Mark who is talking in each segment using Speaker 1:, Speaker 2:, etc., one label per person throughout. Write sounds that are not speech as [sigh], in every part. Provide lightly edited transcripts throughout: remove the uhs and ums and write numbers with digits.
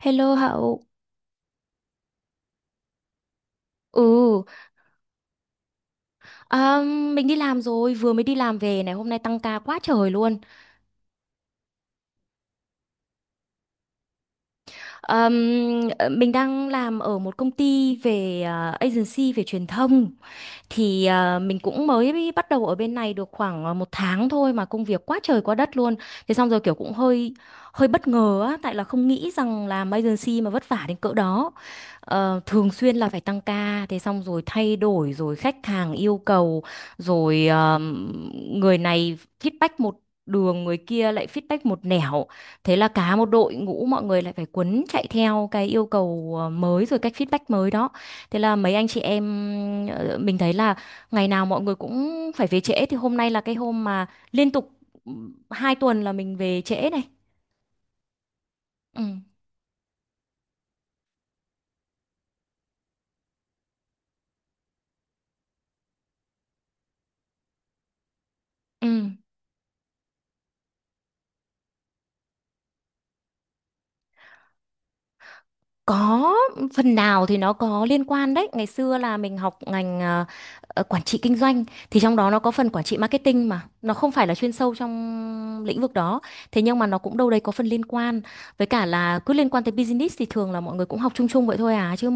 Speaker 1: Hello Hậu. Ừ. à, mình đi làm rồi, vừa mới đi làm về này, hôm nay tăng ca quá trời luôn. Ờm, mình đang làm ở một công ty về agency về truyền thông, thì mình cũng mới bắt đầu ở bên này được khoảng một tháng thôi mà công việc quá trời quá đất luôn. Thế xong rồi kiểu cũng hơi hơi bất ngờ á, tại là không nghĩ rằng làm agency mà vất vả đến cỡ đó. Thường xuyên là phải tăng ca, thế xong rồi thay đổi rồi khách hàng yêu cầu rồi, người này feedback một đường, người kia lại feedback một nẻo. Thế là cả một đội ngũ mọi người lại phải quấn chạy theo cái yêu cầu mới rồi cách feedback mới đó. Thế là mấy anh chị em, mình thấy là ngày nào mọi người cũng phải về trễ, thì hôm nay là cái hôm mà liên tục ừ, 2 tuần là mình về trễ này. Ừ. Ừ. Có phần nào thì nó có liên quan đấy. Ngày xưa là mình học ngành, quản trị kinh doanh, thì trong đó nó có phần quản trị marketing mà nó không phải là chuyên sâu trong lĩnh vực đó. Thế nhưng mà nó cũng đâu đấy có phần liên quan. Với cả là cứ liên quan tới business thì thường là mọi người cũng học chung chung vậy thôi à chứ,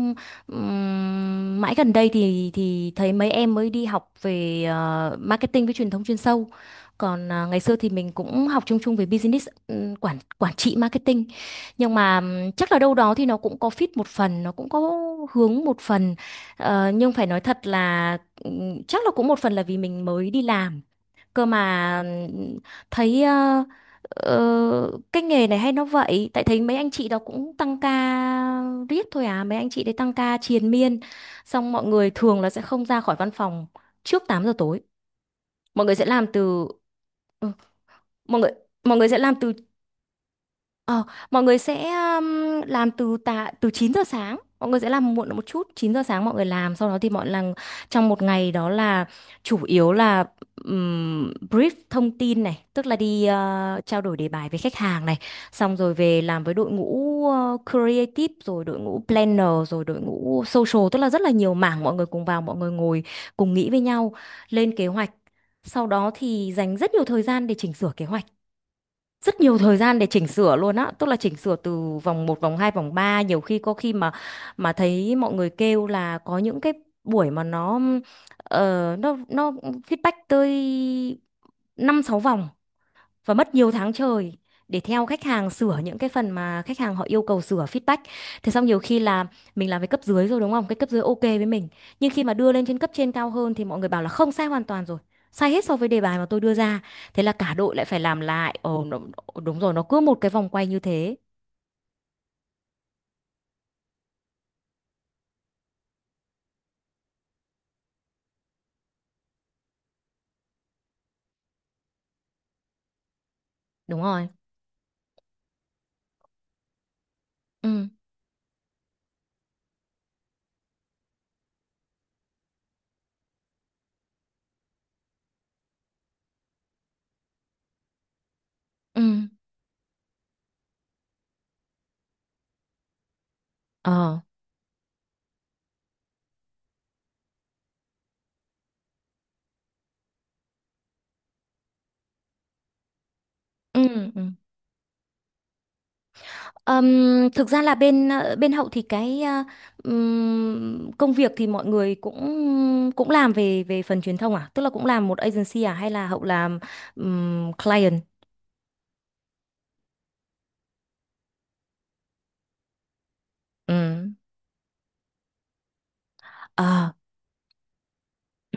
Speaker 1: mãi gần đây thì thấy mấy em mới đi học về marketing với truyền thông chuyên sâu. Còn ngày xưa thì mình cũng học chung chung về business, quản quản trị marketing, nhưng mà chắc là đâu đó thì nó cũng có fit một phần, nó cũng có hướng một phần. Nhưng phải nói thật là chắc là cũng một phần là vì mình mới đi làm, cơ mà thấy cái nghề này hay nó vậy, tại thấy mấy anh chị đó cũng tăng ca riết thôi à, mấy anh chị đấy tăng ca triền miên, xong mọi người thường là sẽ không ra khỏi văn phòng trước 8 giờ tối. mọi người sẽ làm từ mọi người mọi người sẽ làm từ Ờ, Mọi người sẽ làm từ tạ từ 9 giờ sáng. Mọi người sẽ làm muộn một chút, 9 giờ sáng mọi người làm, sau đó thì mọi lần trong một ngày đó là chủ yếu là brief thông tin này, tức là đi trao đổi đề bài với khách hàng này, xong rồi về làm với đội ngũ creative rồi đội ngũ planner rồi đội ngũ social, tức là rất là nhiều mảng mọi người cùng vào, mọi người ngồi cùng nghĩ với nhau lên kế hoạch. Sau đó thì dành rất nhiều thời gian để chỉnh sửa kế hoạch, rất nhiều thời gian để chỉnh sửa luôn á, tức là chỉnh sửa từ vòng một vòng 2 vòng 3, nhiều khi có khi mà thấy mọi người kêu là có những cái buổi mà nó nó feedback tới 5 6 vòng và mất nhiều tháng trời để theo khách hàng sửa những cái phần mà khách hàng họ yêu cầu sửa feedback. Thế xong nhiều khi là mình làm với cấp dưới rồi đúng không? Cái cấp dưới ok với mình. Nhưng khi mà đưa lên trên cấp trên cao hơn thì mọi người bảo là không, sai hoàn toàn rồi. Sai hết so với đề bài mà tôi đưa ra. Thế là cả đội lại phải làm lại. Ồ, đúng rồi, nó cứ một cái vòng quay như thế. Đúng rồi. Ừ. Ừ. Ờ. Ừ. Ừ. Thực ra là bên bên Hậu thì cái công việc thì mọi người cũng cũng làm về về phần truyền thông à, tức là cũng làm một agency à, hay là Hậu làm client. Ừm. Ờ,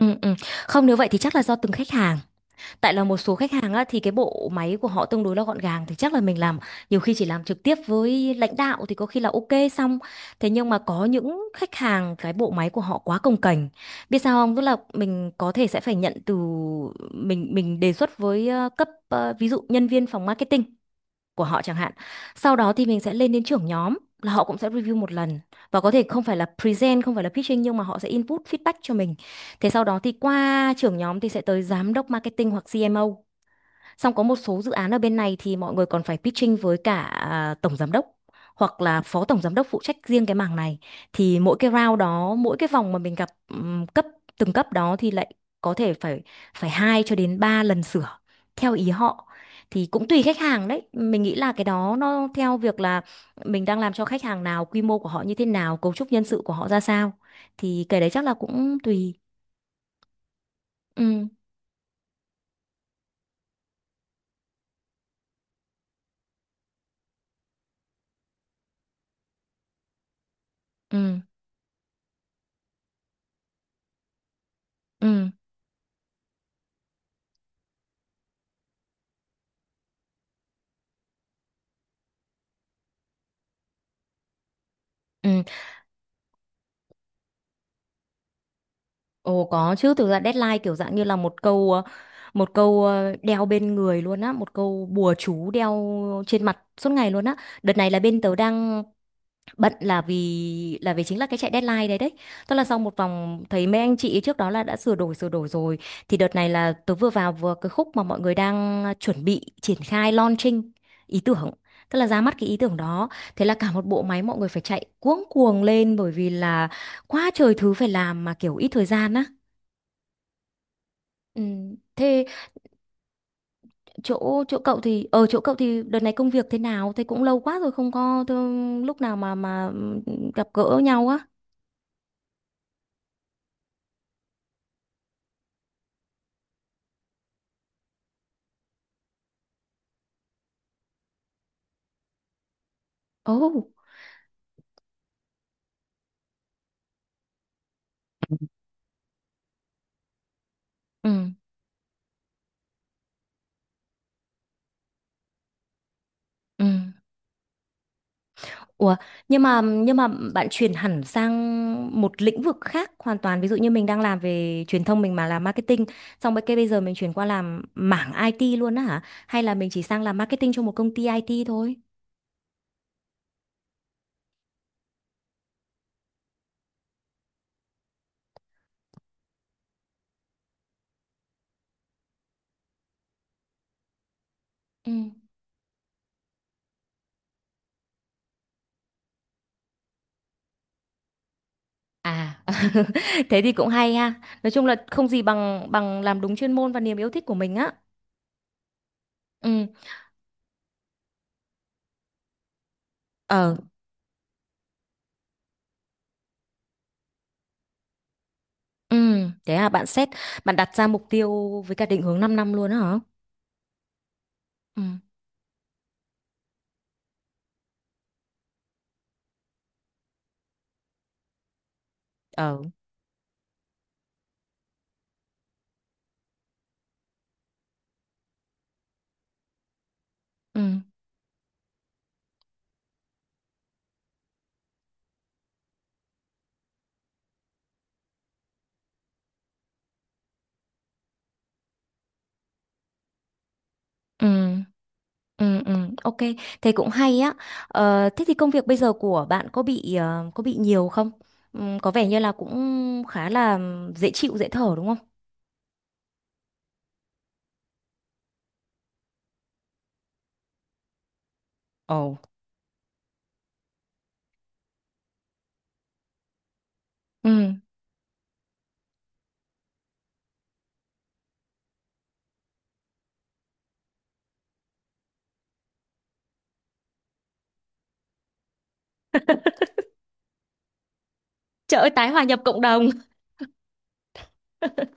Speaker 1: ừ, ừ. Không, nếu vậy thì chắc là do từng khách hàng. Tại là một số khách hàng á, thì cái bộ máy của họ tương đối là gọn gàng thì chắc là mình làm nhiều khi chỉ làm trực tiếp với lãnh đạo thì có khi là ok xong. Thế nhưng mà có những khách hàng cái bộ máy của họ quá cồng kềnh, biết sao không, tức là mình có thể sẽ phải nhận từ, mình đề xuất với cấp, ví dụ nhân viên phòng marketing của họ chẳng hạn. Sau đó thì mình sẽ lên đến trưởng nhóm là họ cũng sẽ review một lần, và có thể không phải là present, không phải là pitching nhưng mà họ sẽ input feedback cho mình. Thế sau đó thì qua trưởng nhóm thì sẽ tới giám đốc marketing hoặc CMO. Xong có một số dự án ở bên này thì mọi người còn phải pitching với cả tổng giám đốc hoặc là phó tổng giám đốc phụ trách riêng cái mảng này. Thì mỗi cái round đó, mỗi cái vòng mà mình gặp từng cấp đó thì lại có thể phải, 2 cho đến 3 lần sửa theo ý họ. Thì cũng tùy khách hàng đấy. Mình nghĩ là cái đó nó theo việc là mình đang làm cho khách hàng nào, quy mô của họ như thế nào, cấu trúc nhân sự của họ ra sao. Thì cái đấy chắc là cũng tùy. Ừ, ừ, ừ, ừ. Ồ có chứ, thực ra deadline kiểu dạng như là một câu, đeo bên người luôn á, một câu bùa chú đeo trên mặt suốt ngày luôn á. Đợt này là bên tớ đang bận là vì chính là cái chạy deadline đấy đấy. Tức là sau một vòng thấy mấy anh chị trước đó là đã sửa đổi rồi, thì đợt này là tớ vừa vào vừa cái khúc mà mọi người đang chuẩn bị triển khai launching ý tưởng. Tức là ra mắt cái ý tưởng đó. Thế là cả một bộ máy mọi người phải chạy cuống cuồng lên. Bởi vì là quá trời thứ phải làm, mà kiểu ít thời gian á. Ừ. Thế chỗ chỗ cậu thì ở chỗ cậu thì đợt này công việc thế nào? Thế cũng lâu quá rồi không có thương, lúc nào mà gặp gỡ nhau á. Ồ. Ừ. Ừ. Ủa, nhưng mà bạn chuyển hẳn sang một lĩnh vực khác hoàn toàn. Ví dụ như mình đang làm về truyền thông, mình mà làm marketing, xong bây giờ mình chuyển qua làm mảng IT luôn á hả? Hay là mình chỉ sang làm marketing cho một công ty IT thôi? Ừ. À, [laughs] thế thì cũng hay ha. Nói chung là không gì bằng bằng làm đúng chuyên môn và niềm yêu thích của mình á. Ừ, ờ, ừ, thế bạn đặt ra mục tiêu với cả định hướng 5 năm luôn á hả? Ừ, ờ, ừ, ừ, ừ, ừ, ok, thế cũng hay á. Ờ, thế thì công việc bây giờ của bạn có bị nhiều không? Ừ, có vẻ như là cũng khá là dễ chịu, dễ thở đúng không? Ồ. Ừ, trời ơi, tái hòa nhập cộng đồng. [laughs]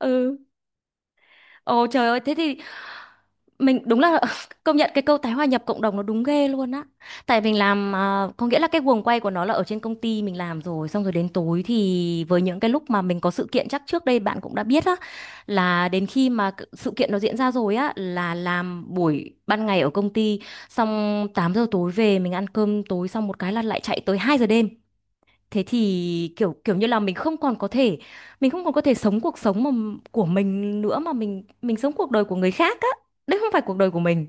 Speaker 1: Ừ. Ồ trời ơi, thế thì mình đúng là [laughs] công nhận cái câu tái hòa nhập cộng đồng nó đúng ghê luôn á. Tại mình làm, có nghĩa là cái guồng quay của nó là ở trên công ty mình làm rồi, xong rồi đến tối thì với những cái lúc mà mình có sự kiện chắc trước đây bạn cũng đã biết á, là đến khi mà sự kiện nó diễn ra rồi á là làm buổi ban ngày ở công ty, xong 8 giờ tối về mình ăn cơm tối xong một cái là lại chạy tới 2 giờ đêm, thế thì kiểu kiểu như là mình không còn có thể, mình không còn có thể sống cuộc sống mà của mình nữa, mà mình sống cuộc đời của người khác á, đấy không phải cuộc đời của mình.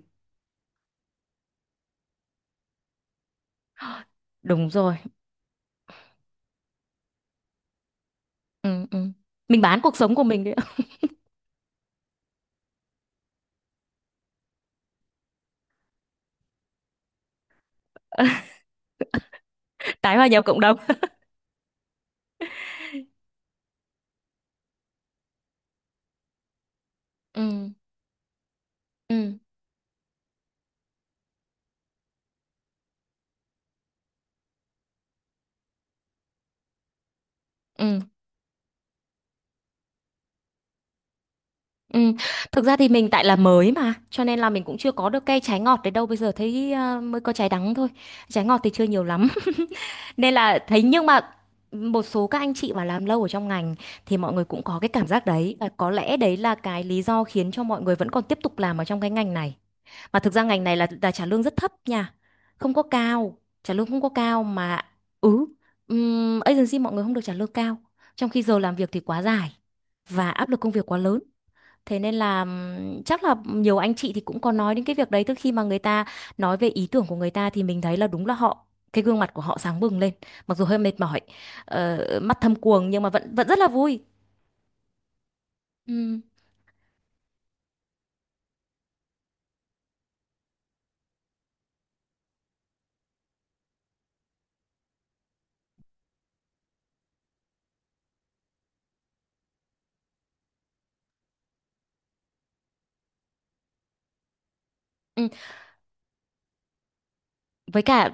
Speaker 1: Đúng rồi. Ừ, ừ. Mình bán cuộc sống của mình đấy. [laughs] Tái hòa nhập cộng đồng. [laughs] Ừ, ừ, ừ, ừ. Thực ra thì mình tại là mới mà cho nên là mình cũng chưa có được cây trái ngọt đấy đâu, bây giờ thấy mới có trái đắng thôi, trái ngọt thì chưa nhiều lắm, nên là thấy. Nhưng mà một số các anh chị mà làm lâu ở trong ngành thì mọi người cũng có cái cảm giác đấy, và có lẽ đấy là cái lý do khiến cho mọi người vẫn còn tiếp tục làm ở trong cái ngành này. Mà thực ra ngành này là trả lương rất thấp nha, không có cao, trả lương không có cao mà. Ừ. Agency mọi người không được trả lương cao, trong khi giờ làm việc thì quá dài và áp lực công việc quá lớn. Thế nên là chắc là nhiều anh chị thì cũng có nói đến cái việc đấy. Tức khi mà người ta nói về ý tưởng của người ta thì mình thấy là đúng là cái gương mặt của họ sáng bừng lên, mặc dù hơi mệt mỏi, mắt thâm quầng nhưng mà vẫn vẫn rất là vui. Ừm, ừm. Với cả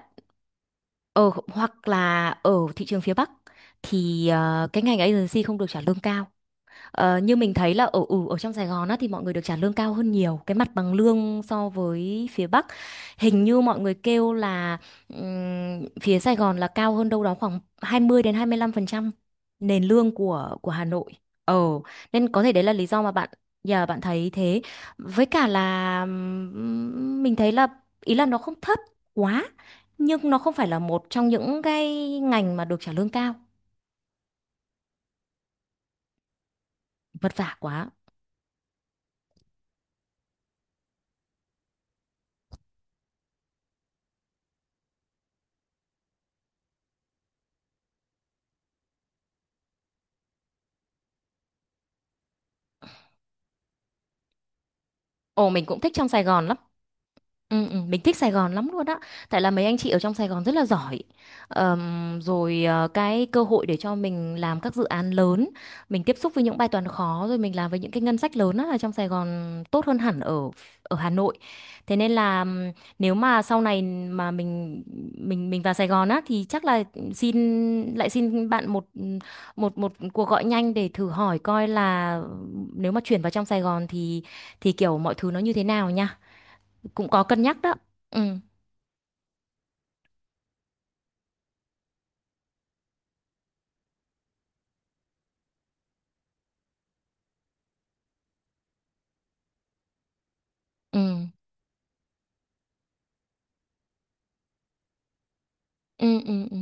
Speaker 1: hoặc là ở thị trường phía Bắc thì cái ngành agency không được trả lương cao. Ờ, như mình thấy là ở trong Sài Gòn á, thì mọi người được trả lương cao hơn nhiều cái mặt bằng lương so với phía Bắc, hình như mọi người kêu là phía Sài Gòn là cao hơn đâu đó khoảng 20 đến 25% nền lương của Hà Nội. Ờ. Nên có thể đấy là lý do mà giờ bạn thấy thế. Với cả là mình thấy là ý là nó không thấp quá, nhưng nó không phải là một trong những cái ngành mà được trả lương cao. Vất vả quá. Ồ mình cũng thích trong Sài Gòn lắm. Ừ, ừ, mình thích Sài Gòn lắm luôn á. Tại là mấy anh chị ở trong Sài Gòn rất là giỏi. Rồi cái cơ hội để cho mình làm các dự án lớn, mình tiếp xúc với những bài toán khó rồi mình làm với những cái ngân sách lớn á, ở trong Sài Gòn tốt hơn hẳn ở ở Hà Nội. Thế nên là nếu mà sau này mà mình vào Sài Gòn á thì chắc là xin lại xin bạn một một một cuộc gọi nhanh để thử hỏi coi là nếu mà chuyển vào trong Sài Gòn thì kiểu mọi thứ nó như thế nào nha. Cũng có cân nhắc đó. Ừ ừ ừ ừ. Ừ.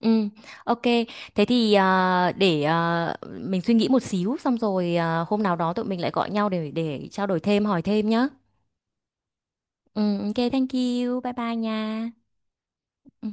Speaker 1: Ừ, ok. Thế thì để mình suy nghĩ một xíu xong rồi hôm nào đó tụi mình lại gọi nhau để trao đổi thêm, hỏi thêm nhá. Ừ, ok, thank you. Bye bye nha. Ừ.